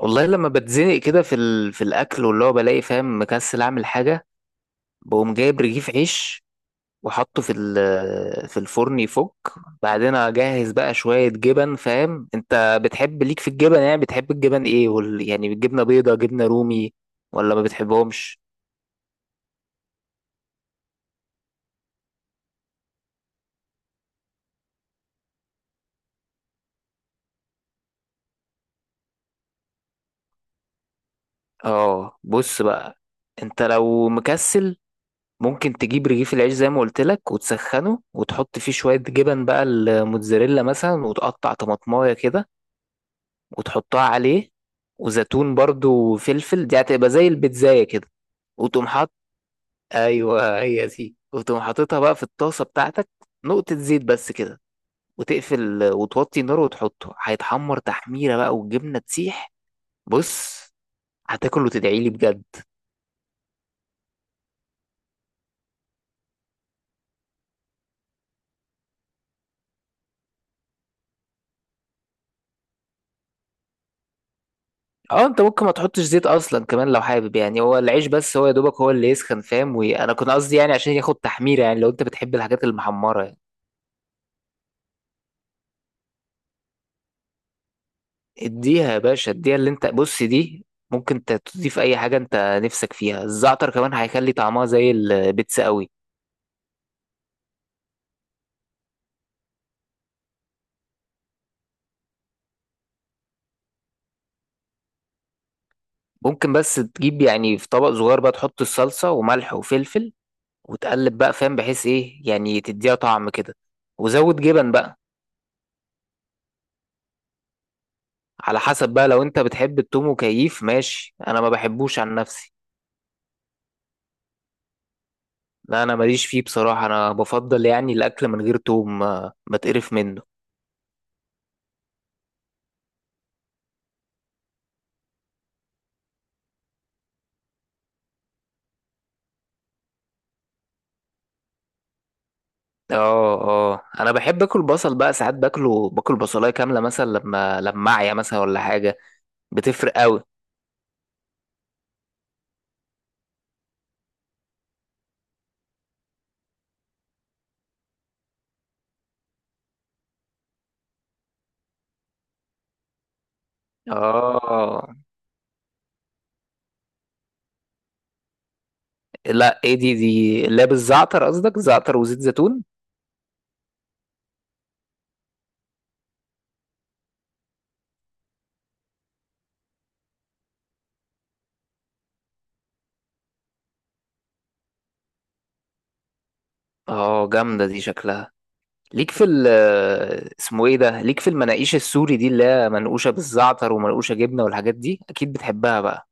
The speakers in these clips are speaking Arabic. والله لما بتزنق كده في الاكل واللي هو بلاقي فاهم مكسل اعمل حاجه. بقوم جايب رغيف عيش وحطه في في الفرن يفك. بعدين اجهز بقى شويه جبن، فاهم؟ انت بتحب ليك في الجبن، يعني بتحب الجبن ايه؟ يعني جبنه بيضه، جبنه رومي، ولا ما بتحبهمش؟ اه، بص بقى، انت لو مكسل ممكن تجيب رغيف العيش زي ما قلت لك وتسخنه وتحط فيه شويه جبن بقى، الموتزاريلا مثلا، وتقطع طماطمايه كده وتحطها عليه، وزيتون برضو وفلفل، دي هتبقى زي البيتزاية كده. وتقوم حاط، ايوه هي دي، وتقوم حاططها بقى في الطاسة بتاعتك، نقطة زيت بس كده، وتقفل وتوطي النار وتحطه هيتحمر تحميرة بقى والجبنة تسيح. بص، هتاكل وتدعيلي بجد. اه، انت ممكن ما تحطش زيت اصلا كمان لو حابب، يعني هو العيش بس هو يا دوبك هو اللي يسخن، فاهم؟ وانا كنت قصدي يعني عشان ياخد تحميرة، يعني لو انت بتحب الحاجات المحمرة يعني. اديها يا باشا، اديها اللي انت بص دي، ممكن انت تضيف اي حاجه انت نفسك فيها، الزعتر كمان هيخلي طعمها زي البيتزا قوي. ممكن بس تجيب يعني في طبق صغير بقى، تحط الصلصه وملح وفلفل وتقلب بقى، فاهم؟ بحيث ايه؟ يعني تديها طعم كده. وزود جبن بقى. على حسب بقى، لو انت بتحب التوم وكيف ماشي، انا ما بحبوش عن نفسي. لا، انا ماليش فيه بصراحه، انا بفضل يعني الاكل من غير توم ما تقرف منه. اه. اه انا بحب اكل بصل بقى، ساعات باكله، باكل بصلايه كامله مثلا لما اعيا مثلا ولا حاجه، بتفرق قوي. اه. لا ايه دي، اللي هي بالزعتر، قصدك زعتر وزيت زيتون. اه جامده دي شكلها. ليك في ال، اسمه ايه ده، ليك في المناقيش السوري دي اللي هي منقوشه بالزعتر ومنقوشه جبنه والحاجات دي، اكيد بتحبها بقى.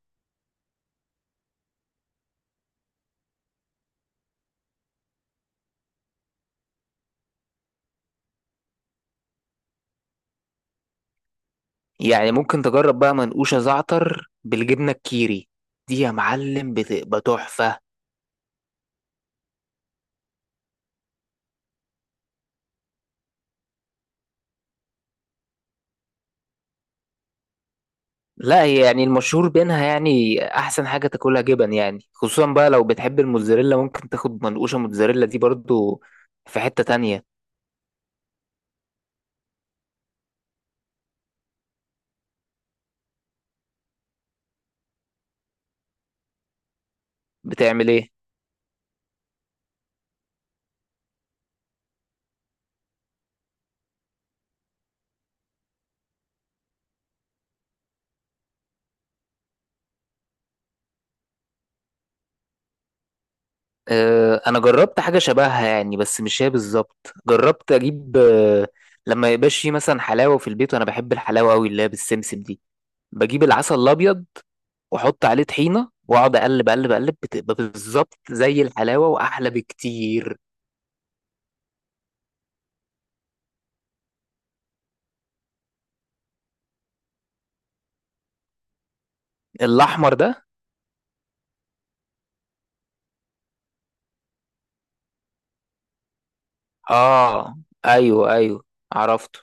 يعني ممكن تجرب بقى منقوشه زعتر بالجبنه الكيري، دي يا معلم بتبقى تحفه. لا هي يعني المشهور بينها يعني احسن حاجه تاكلها جبن، يعني خصوصا بقى لو بتحب الموتزاريلا ممكن تاخد منقوشه موتزاريلا دي برضو، في حته تانية. بتعمل ايه؟ أه انا جربت حاجه شبهها يعني، بس مش هي بالظبط. جربت اجيب أه، لما يبقاش في مثلا حلاوه في البيت وانا بحب الحلاوه قوي اللي هي بالسمسم دي، بجيب العسل الابيض واحط عليه طحينه واقعد اقلب اقلب اقلب، بتبقى بالظبط زي الحلاوه واحلى بكتير. الاحمر ده؟ اه، ايوه ايوه، عرفته.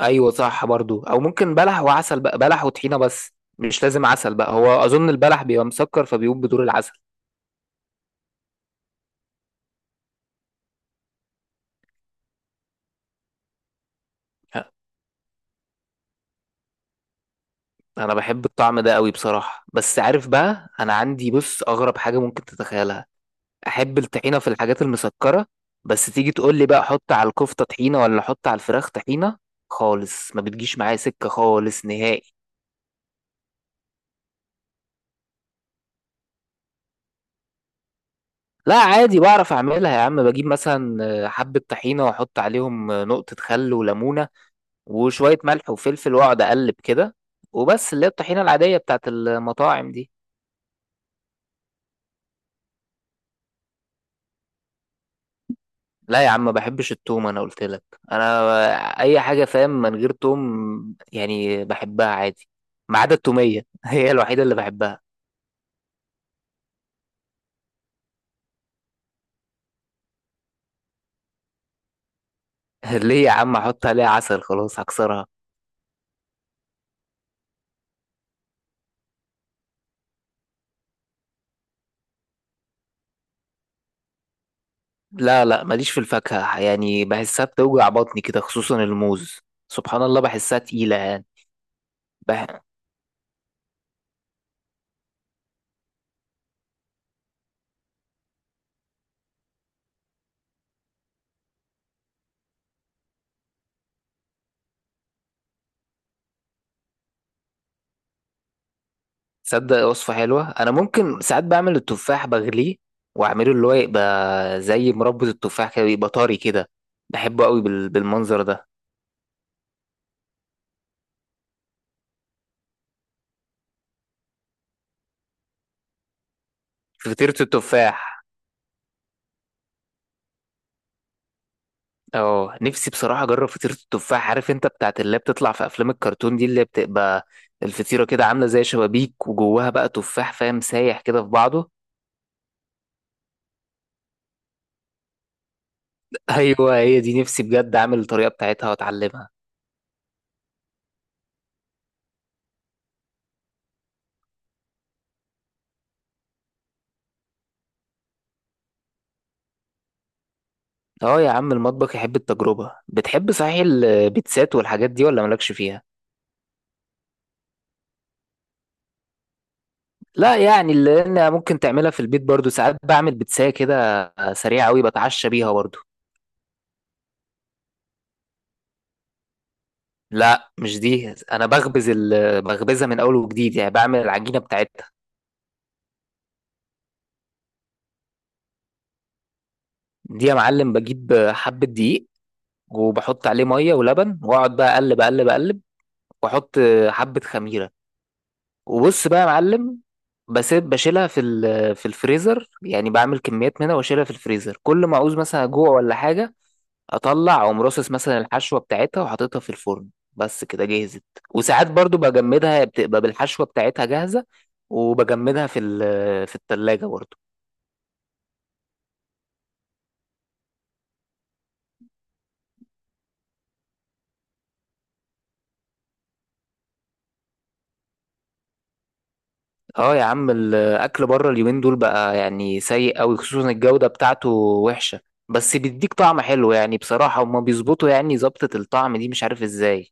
ايوه صح، برضو او ممكن بلح وعسل بقى، بلح وطحينه بس، مش لازم عسل بقى، هو اظن البلح بيبقى مسكر فبيقوم بدور العسل. ها، انا بحب الطعم ده قوي بصراحه، بس عارف بقى انا عندي، بص، اغرب حاجه ممكن تتخيلها: احب الطحينه في الحاجات المسكره، بس تيجي تقول لي بقى حط على الكفته طحينه، ولا حط على الفراخ طحينه، خالص ما بتجيش معايا سكه خالص نهائي. لا عادي بعرف اعملها يا عم، بجيب مثلا حبه طحينه واحط عليهم نقطه خل وليمونه وشوية ملح وفلفل واقعد اقلب كده، وبس، اللي هي الطحينة العادية بتاعت المطاعم دي. لا يا عم، ما بحبش التوم، انا قلت لك، انا اي حاجة فاهم من غير توم يعني بحبها عادي، ما عدا التومية هي الوحيدة اللي بحبها. ليه يا عم؟ احط عليها عسل خلاص هكسرها. لا لا، ماليش في الفاكهة، يعني بحسها بتوجع بطني كده، خصوصا الموز، سبحان الله، بحسها تقيلة يعني. بح... تصدق وصفة حلوة، أنا ممكن ساعات بعمل التفاح بغليه، وأعمله اللي هو يبقى زي مربى التفاح كده، يبقى طري كده، بحبه قوي بالمنظر ده. فطيرة التفاح. اه، نفسي بصراحة أجرب فطيرة التفاح، عارف أنت بتاعت اللي هي بتطلع في أفلام الكرتون دي، اللي بتبقى الفطيرة كده عاملة زي شبابيك وجواها بقى تفاح، فاهم، سايح كده في بعضه. أيوه هي دي، نفسي بجد أعمل الطريقة بتاعتها وأتعلمها. اه يا عم، المطبخ يحب التجربة. بتحب صحيح البيتزات والحاجات دي ولا مالكش فيها؟ لا يعني اللي انا ممكن تعملها في البيت برضو، ساعات بعمل بتساية كده سريعة قوي بتعشى بيها برضو. لا مش دي، انا بخبز بخبزها من اول وجديد، يعني بعمل العجينة بتاعتها. دي يا معلم، بجيب حبة دقيق وبحط عليه مية ولبن واقعد بقى اقلب اقلب اقلب، واحط حبة خميرة، وبص بقى يا معلم، بسيب، بشيلها في في الفريزر، يعني بعمل كميات منها واشيلها في الفريزر، كل ما اعوز مثلا اجوع ولا حاجة، اطلع اقوم راصص مثلا الحشوه بتاعتها وحاططها في الفرن، بس كده جهزت. وساعات برضو بجمدها هي بتبقى بالحشوه بتاعتها جاهزه، وبجمدها في في التلاجة برضو. اه يا عم، الاكل بره اليومين دول بقى يعني سيء قوي، خصوصا الجوده بتاعته وحشه، بس بيديك طعم حلو يعني بصراحه، هما بيظبطوا يعني ظبطه الطعم دي مش عارف ازاي.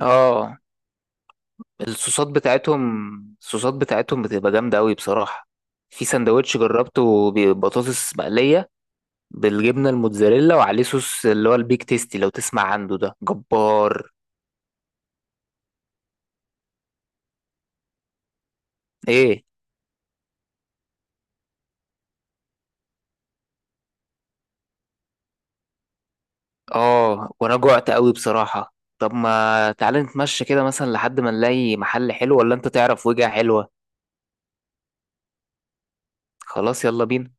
اه. الصوصات بتاعتهم، الصوصات بتاعتهم بتبقى جامده قوي بصراحه، في سندوتش جربته ببطاطس مقليه بالجبنه الموتزاريلا وعليه صوص اللي هو البيك تيستي لو تسمع عنده، ده جبار. ايه؟ اه، وانا جوعت قوي بصراحه، طب ما تعالى نتمشى كده مثلا لحد ما نلاقي محل حلو، ولا انت تعرف وجهة حلوه؟ خلاص، يلا بينا.